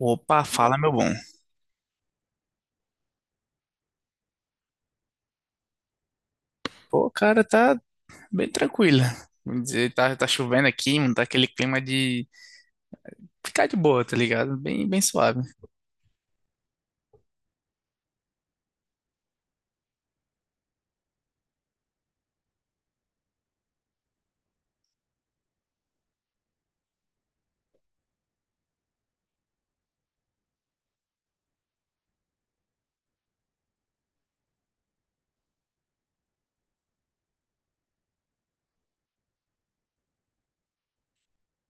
Opa, fala, meu bom. Pô, cara, tá bem tranquila. Vamos dizer, tá, tá chovendo aqui, não tá aquele clima de ficar de boa, tá ligado? Bem, bem suave.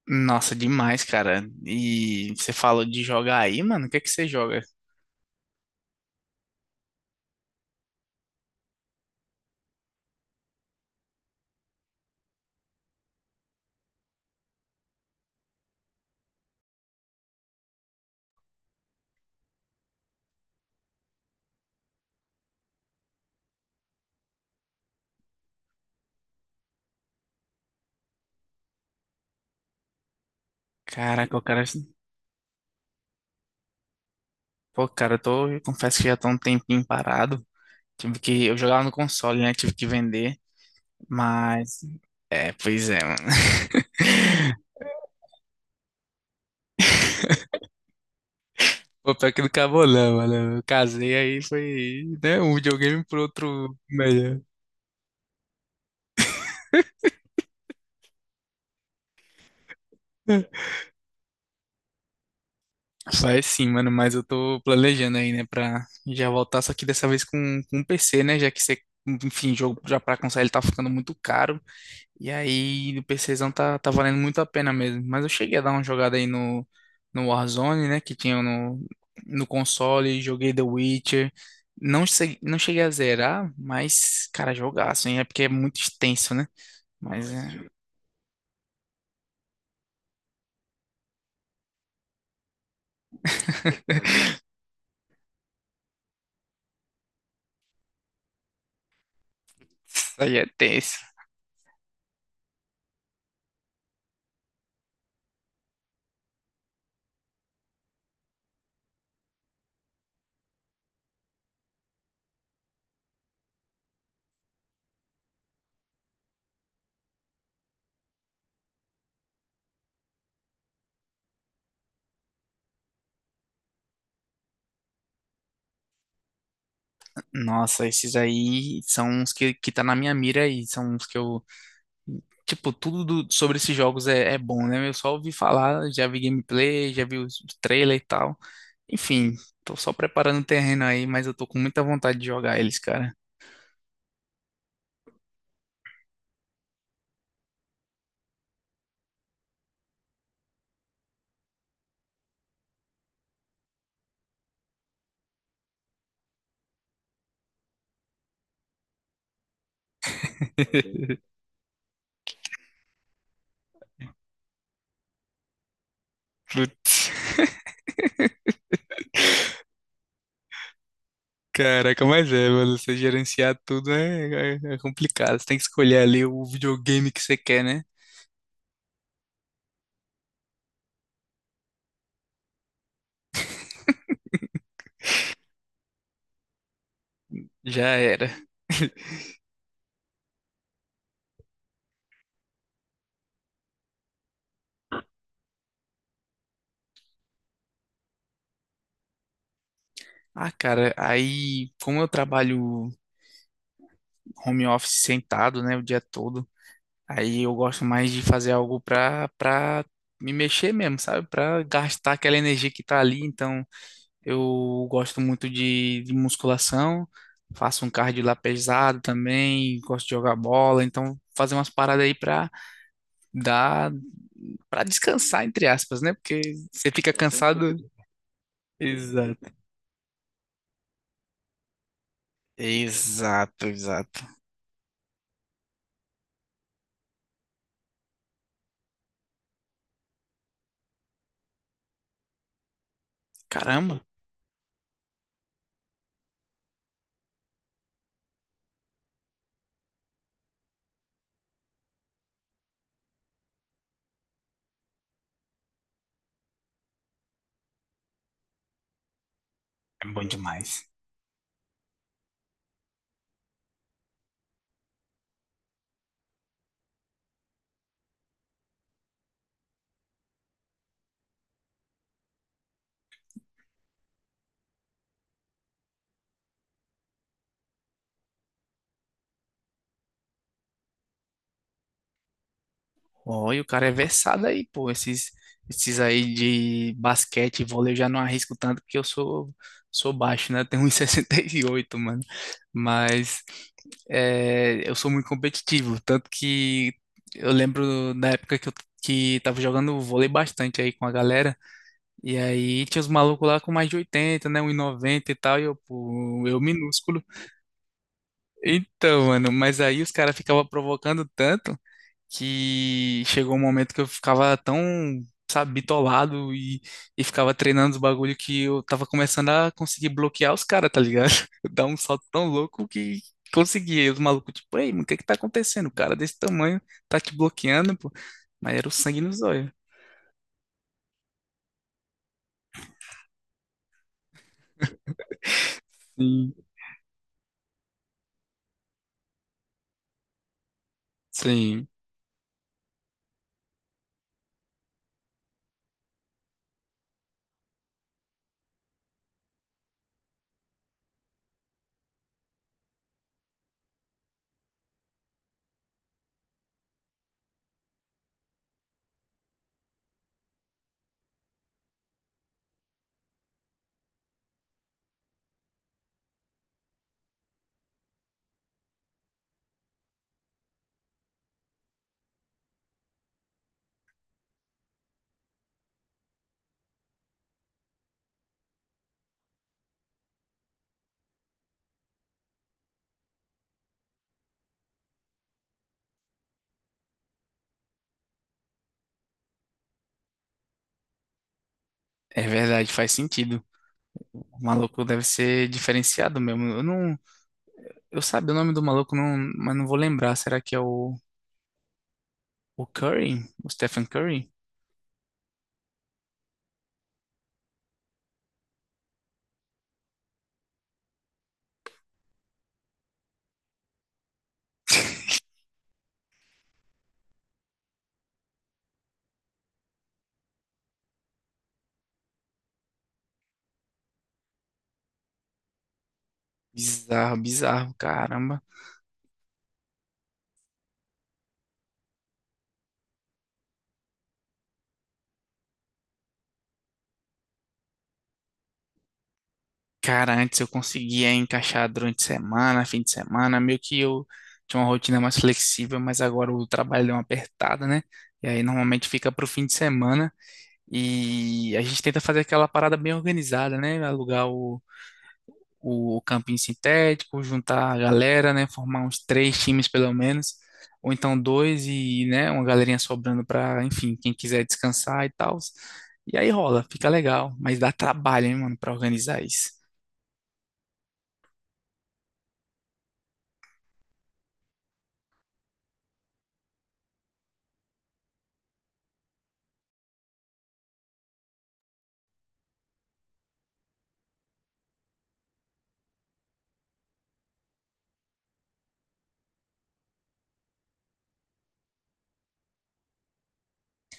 Nossa, demais, cara. E você falou de jogar aí, mano? O que é que você joga? Caraca, eu quero. Pô, cara, eu tô. Eu confesso que já tô um tempinho parado. Tive que. Eu jogava no console, né? Tive que vender. Mas. É, pois é, mano. Pô, pior que não acabou não, mano. Eu casei aí, foi, né, um videogame pro outro melhor. Faz sim, mano, mas eu tô planejando aí, né, pra já voltar, só que dessa vez com, um PC, né, já que você, enfim, jogo já pra console tá ficando muito caro, e aí o PCzão tá, tá valendo muito a pena mesmo. Mas eu cheguei a dar uma jogada aí no, no Warzone, né, que tinha no, no console, joguei The Witcher, não, sei- não cheguei a zerar, mas, cara, jogaço, hein, é porque é muito extenso, né, mas é. Isso aí é tenso. Nossa, esses aí são uns que tá na minha mira aí. São uns que eu. Tipo, tudo do- sobre esses jogos é, é bom, né? Eu só ouvi falar, já vi gameplay, já vi os- o trailer e tal. Enfim, tô só preparando o terreno aí, mas eu tô com muita vontade de jogar eles, cara. Putz, caraca, mas é, mano. Você gerenciar tudo é, é, é complicado. Você tem que escolher ali o videogame que você quer, né? Já era. Ah, cara, aí, como eu trabalho home office sentado, né, o dia todo, aí eu gosto mais de fazer algo pra, pra me mexer mesmo, sabe? Pra gastar aquela energia que tá ali. Então, eu gosto muito de musculação, faço um cardio lá pesado também, gosto de jogar bola. Então, fazer umas paradas aí pra dar, pra descansar, entre aspas, né? Porque você fica cansado. Exato. Exato, exato. Caramba, é bom demais. Olha, o cara é versado aí, pô. Esses, esses aí de basquete e vôlei eu já não arrisco tanto porque eu sou, sou baixo, né? Eu tenho 1,68, mano. Mas é, eu sou muito competitivo. Tanto que eu lembro da época que eu que tava jogando vôlei bastante aí com a galera. E aí tinha os malucos lá com mais de 80, né? Um 1,90 e tal. E eu, pô, eu minúsculo. Então, mano, mas aí os caras ficavam provocando tanto. Que chegou um momento que eu ficava tão, sabe, bitolado e ficava treinando os bagulho que eu tava começando a conseguir bloquear os caras, tá ligado? Dar um salto tão louco que conseguia E os malucos, tipo, ei, mano, o que que tá acontecendo? O cara desse tamanho tá te bloqueando, pô. Mas era o sangue nos olhos. Sim. Sim. É verdade, faz sentido. O maluco deve ser diferenciado mesmo. Eu não, eu sabe o nome do maluco, não, mas não vou lembrar. Será que é o Curry? O Stephen Curry? Bizarro, bizarro, caramba. Cara, antes eu conseguia encaixar durante semana, fim de semana, meio que eu tinha uma rotina mais flexível, mas agora o trabalho deu uma apertada, né? E aí normalmente fica pro fim de semana e a gente tenta fazer aquela parada bem organizada, né? Alugar o campinho sintético, juntar a galera, né, formar uns três times pelo menos, ou então dois e, né, uma galerinha sobrando para, enfim, quem quiser descansar e tal. E aí rola, fica legal, mas dá trabalho, hein, mano, para organizar isso.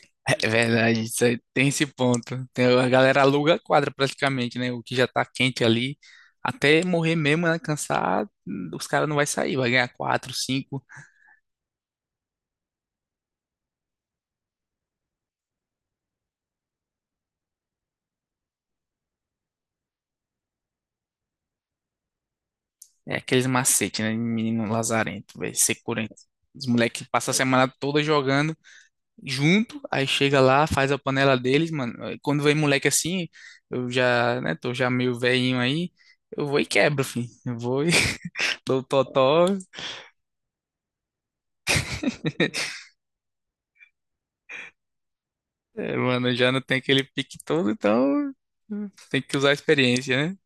É verdade, isso aí, tem esse ponto. Tem, a galera aluga a quadra praticamente, né? O que já tá quente ali, até morrer mesmo, né, cansar, os caras não vai sair, vai ganhar quatro, cinco é aqueles macetes, né? de Menino lazarento, velho. Securento. Os moleques passam a semana toda jogando junto, aí chega lá, faz a panela deles, mano. Aí quando vem moleque assim, eu já, né, tô já meio velhinho aí, eu vou e quebro, filho. Eu vou e dou totó. É, mano, eu já não tenho aquele pique todo, então tem que usar a experiência, né?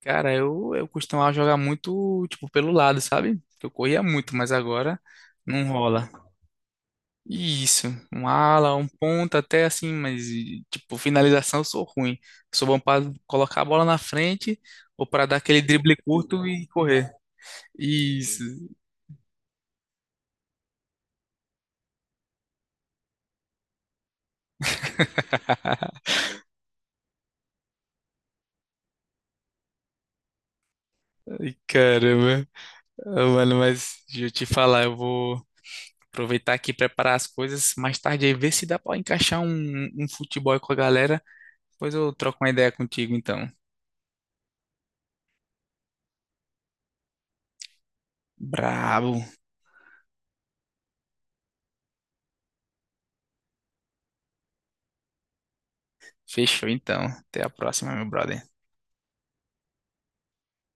Cara, eu costumava jogar muito, tipo, pelo lado, sabe? Eu corria muito, mas agora não rola. Isso, um ala, um ponta até assim, mas e, tipo, finalização eu sou ruim. Sou bom para colocar a bola na frente ou para dar aquele drible curto e correr. Isso. Ai, caramba. Ah, mano, mas deixa eu te falar, eu vou aproveitar aqui e preparar as coisas mais tarde aí, ver se dá para encaixar um, um futebol aí com a galera. Depois eu troco uma ideia contigo então. Brabo. Fechou então. Até a próxima, meu brother.